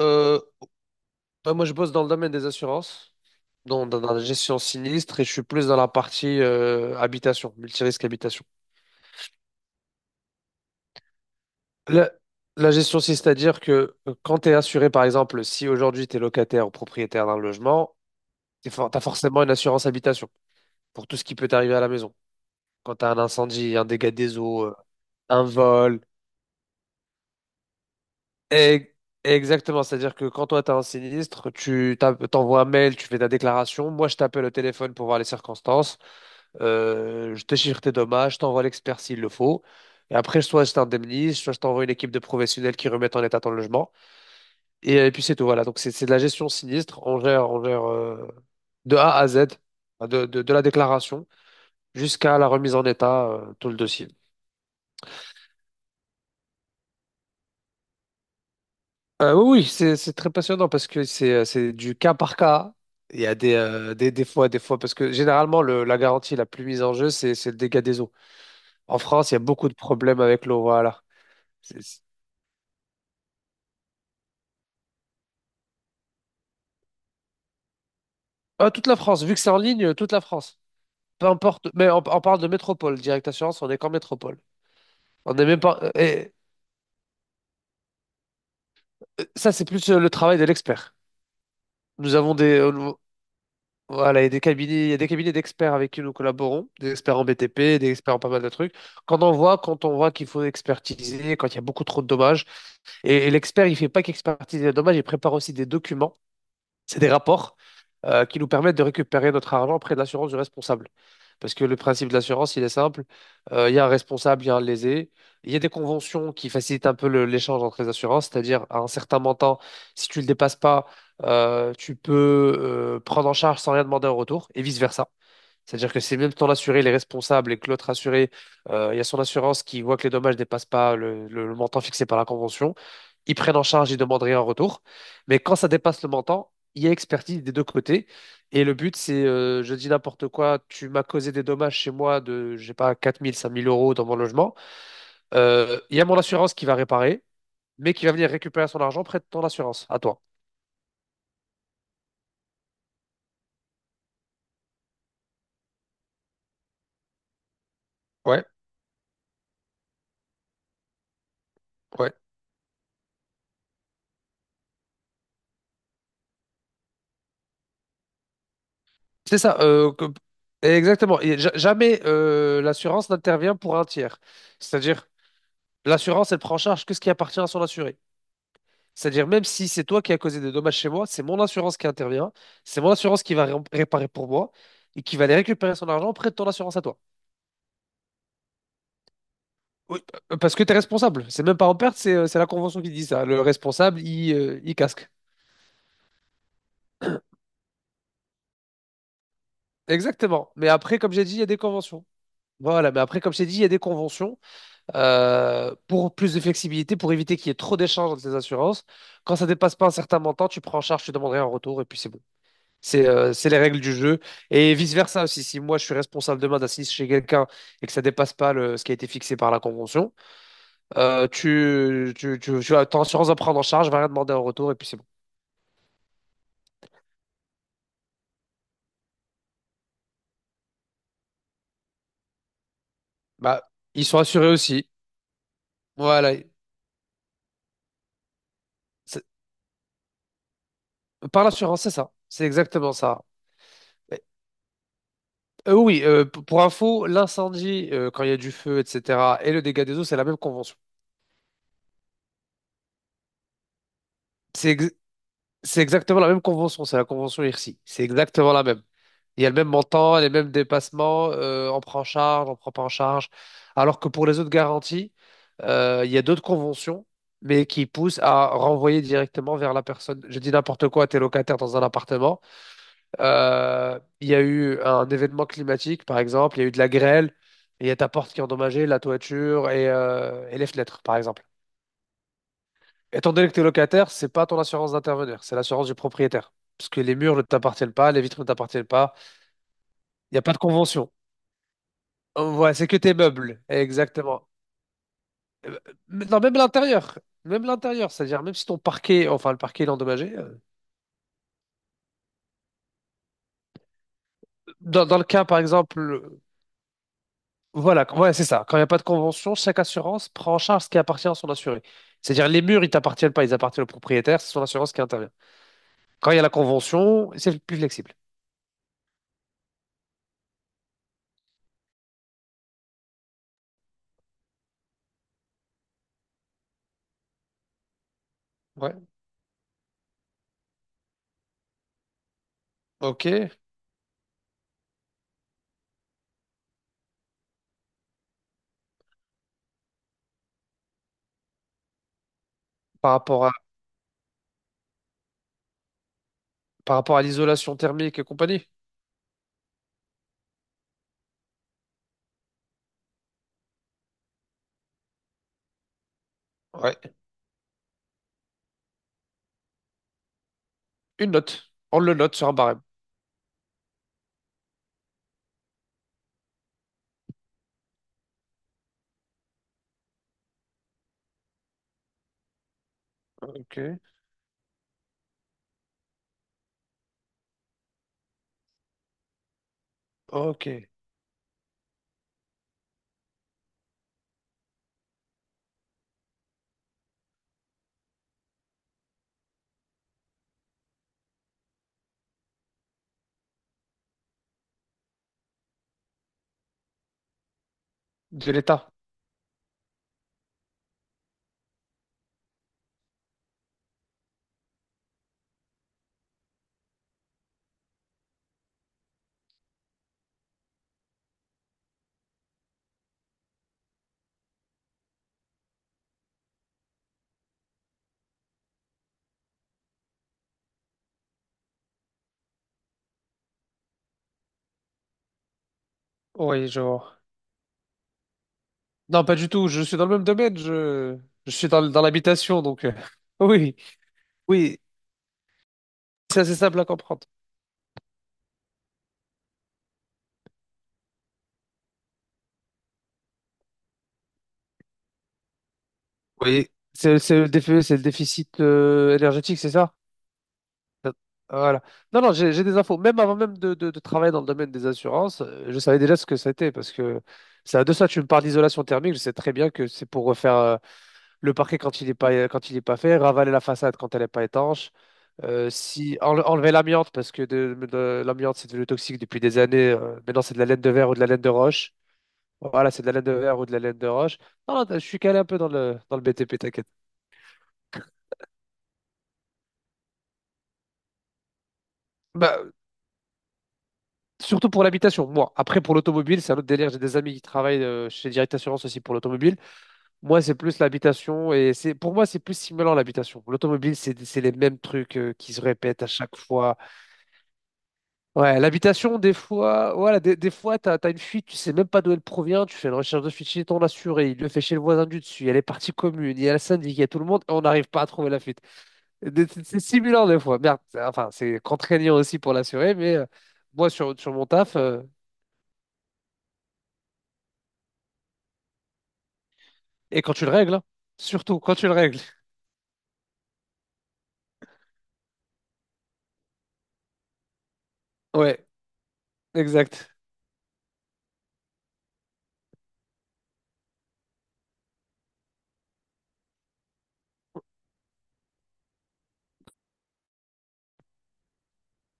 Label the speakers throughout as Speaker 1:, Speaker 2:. Speaker 1: Euh, Bah, moi, je bosse dans le domaine des assurances, dans la gestion sinistre, et je suis plus dans la partie habitation, multirisque habitation. La, la gestion, c'est-à-dire que quand tu es assuré, par exemple, si aujourd'hui tu es locataire ou propriétaire d'un logement, tu as forcément une assurance habitation pour tout ce qui peut t'arriver à la maison. Quand tu as un incendie, un dégât des eaux, un vol. Et- Exactement, c'est-à-dire que quand toi tu as un sinistre, t'envoies un mail, tu fais ta déclaration, moi je t'appelle au téléphone pour voir les circonstances. Je te chiffre tes dommages, je t'envoie l'expert s'il le faut. Et après, soit je t'indemnise, soit je t'envoie une équipe de professionnels qui remettent en état ton logement. Et puis c'est tout, voilà. Donc c'est de la gestion sinistre. On gère de A à Z, enfin, de la déclaration jusqu'à la remise en état, tout le dossier. Oui, oui, c'est très passionnant parce que c'est du cas par cas. Il y a des fois, parce que généralement, la garantie la plus mise en jeu, c'est le dégât des eaux. En France, il y a beaucoup de problèmes avec l'eau, voilà. C'est- Ah, toute la France, vu que c'est en ligne, toute la France. Peu importe, mais on parle de métropole, Direct Assurance, on est qu'en métropole. On n'est même pas. Et ça, c'est plus le travail de l'expert. Nous avons des. Nous- Voilà, il y a des cabinets, il y a des cabinets d'experts avec qui nous collaborons, des experts en BTP, des experts en pas mal de trucs. Quand on voit qu'il faut expertiser, quand il y a beaucoup trop de dommages, et l'expert, il fait pas qu'expertiser les dommages, il prépare aussi des documents. C'est des rapports qui nous permettent de récupérer notre argent auprès de l'assurance du responsable. Parce que le principe de l'assurance, il est simple. Il y a un responsable, il y a un lésé. Il y a des conventions qui facilitent un peu l'échange entre les assurances, c'est-à-dire à un certain montant, si tu ne le dépasses pas, tu peux prendre en charge sans rien demander en retour, et vice-versa. C'est-à-dire que si même ton assuré il est responsable et que l'autre assuré, il y a son assurance qui voit que les dommages ne dépassent pas le montant fixé par la convention, ils prennent en charge, ils demandent rien en retour. Mais quand ça dépasse le montant, il y a expertise des deux côtés. Et le but, c'est, je dis n'importe quoi, tu m'as causé des dommages chez moi de, je sais pas, 4 000, 5 000 euros dans mon logement. Il y a mon assurance qui va réparer, mais qui va venir récupérer son argent près de ton assurance, à toi. Ouais, ouais. C'est ça. Exactement. Et jamais l'assurance n'intervient pour un tiers. C'est-à-dire, l'assurance, elle prend en charge que ce qui appartient à son assuré. C'est-à-dire, même si c'est toi qui as causé des dommages chez moi, c'est mon assurance qui intervient, c'est mon assurance qui va réparer pour moi et qui va aller récupérer son argent près de ton assurance à toi. Oui. Parce que tu es responsable. C'est même pas en perte, c'est la convention qui dit ça. Le responsable, il casque. Exactement. Mais après, comme j'ai dit, il y a des conventions. Voilà, mais après, comme j'ai dit, il y a des conventions pour plus de flexibilité, pour éviter qu'il y ait trop d'échanges entre les assurances. Quand ça dépasse pas un certain montant, tu prends en charge, tu demanderais un retour, et puis c'est bon. C'est les règles du jeu. Et vice-versa aussi, si moi je suis responsable demain d'assister chez quelqu'un et que ça dépasse pas ce qui a été fixé par la convention, tu as ton assurance va prendre en charge, va rien demander en retour et puis c'est bon. Bah, ils sont assurés aussi. Voilà. C'est- Par l'assurance, c'est ça. C'est exactement ça. Oui, pour info, l'incendie, quand il y a du feu, etc., et le dégât des eaux, c'est la même convention. C'est ex- C'est exactement la même convention, c'est la convention IRSI. C'est exactement la même. Il y a le même montant, les mêmes dépassements, on prend en charge, on prend pas en charge. Alors que pour les autres garanties, il y a d'autres conventions, mais qui poussent à renvoyer directement vers la personne. Je dis n'importe quoi, t'es locataire dans un appartement. Il y a eu un événement climatique, par exemple, il y a eu de la grêle, et il y a ta porte qui est endommagée, la toiture et les fenêtres, par exemple. Étant donné que tu es locataire, c'est pas ton assurance d'intervenir, c'est l'assurance du propriétaire. Parce que les murs ne t'appartiennent pas, les vitres ne t'appartiennent pas, il n'y a pas de convention. Voilà, c'est que tes meubles, exactement. Euh, mais non, même l'intérieur, c'est-à-dire même si ton parquet, enfin le parquet il est endommagé, dans le cas par exemple, voilà, ouais, c'est ça, quand il n'y a pas de convention, chaque assurance prend en charge ce qui appartient à son assuré. C'est-à-dire les murs, ils t'appartiennent pas, ils appartiennent au propriétaire, c'est son assurance qui intervient. Quand il y a la convention, c'est plus flexible. Ouais, ok. Par rapport Par rapport à l'isolation thermique et compagnie? Ouais. Une note. On le note sur un barème. Ok. Ok. De l'État. Oui, je vois. Non, pas du tout. Je suis dans le même domaine. Je suis dans l'habitation, donc. Oui. Oui. C'est assez simple à comprendre. Oui. C'est le déficit énergétique, c'est ça? Peut- Voilà. Non, non, j'ai des infos. Même avant même de travailler dans le domaine des assurances, je savais déjà ce que c'était parce que de ça, tu me parles d'isolation thermique. Je sais très bien que c'est pour refaire le parquet quand il est pas fait, ravaler la façade quand elle n'est pas étanche, si, enlever l'amiante parce que l'amiante, c'est devenu toxique depuis des années. Maintenant, c'est de la laine de verre ou de la laine de roche. Voilà, c'est de la laine de verre ou de la laine de roche. Non, non, je suis calé un peu dans le BTP, t'inquiète. Bah, surtout pour l'habitation, moi. Après, pour l'automobile, c'est un autre délire. J'ai des amis qui travaillent chez Direct Assurance aussi pour l'automobile. Moi, c'est plus l'habitation et c'est pour moi, c'est plus stimulant l'habitation. L'automobile, c'est les mêmes trucs qui se répètent à chaque fois. Ouais, l'habitation, des fois, voilà, des fois, t'as une fuite, tu sais même pas d'où elle provient. Tu fais une recherche de fuite chez ton assuré, il le fait chez le voisin du dessus, il y a les parties communes, il y a le syndic, il y a tout le monde, et on n'arrive pas à trouver la fuite. C'est stimulant des fois. Merde, enfin, c'est contraignant aussi pour l'assuré, mais moi, sur mon taf. Et quand tu le règles, hein. Surtout quand tu le règles. Ouais, exact.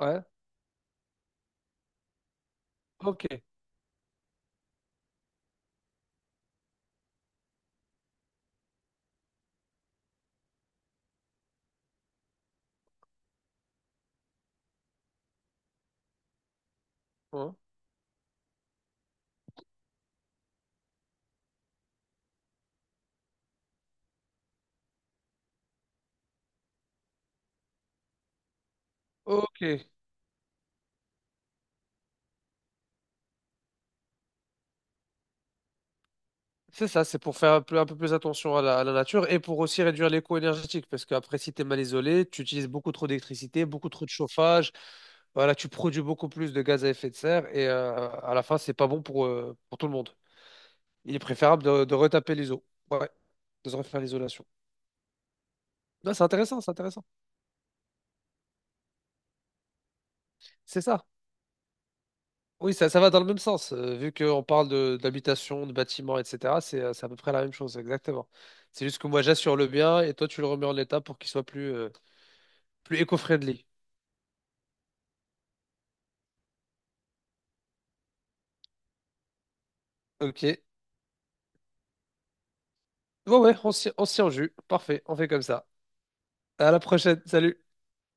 Speaker 1: Ouais, ok. Ouais. Ok. C'est ça, c'est pour faire un peu plus attention à la nature et pour aussi réduire les coûts énergétiques. Parce qu'après, si tu es mal isolé, tu utilises beaucoup trop d'électricité, beaucoup trop de chauffage. Voilà, tu produis beaucoup plus de gaz à effet de serre et à la fin, c'est pas bon pour tout le monde. Il est préférable de retaper les eaux. Ouais, de se refaire l'isolation. Non, c'est intéressant, c'est intéressant. C'est ça. Oui, ça va dans le même sens. Vu qu'on parle de d'habitation, de bâtiment, etc., c'est à peu près la même chose, exactement. C'est juste que moi, j'assure le bien et toi, tu le remets en état pour qu'il soit plus éco-friendly. Ok. Ouais, ouais, on s'y en jus. Parfait, on fait comme ça. À la prochaine. Salut.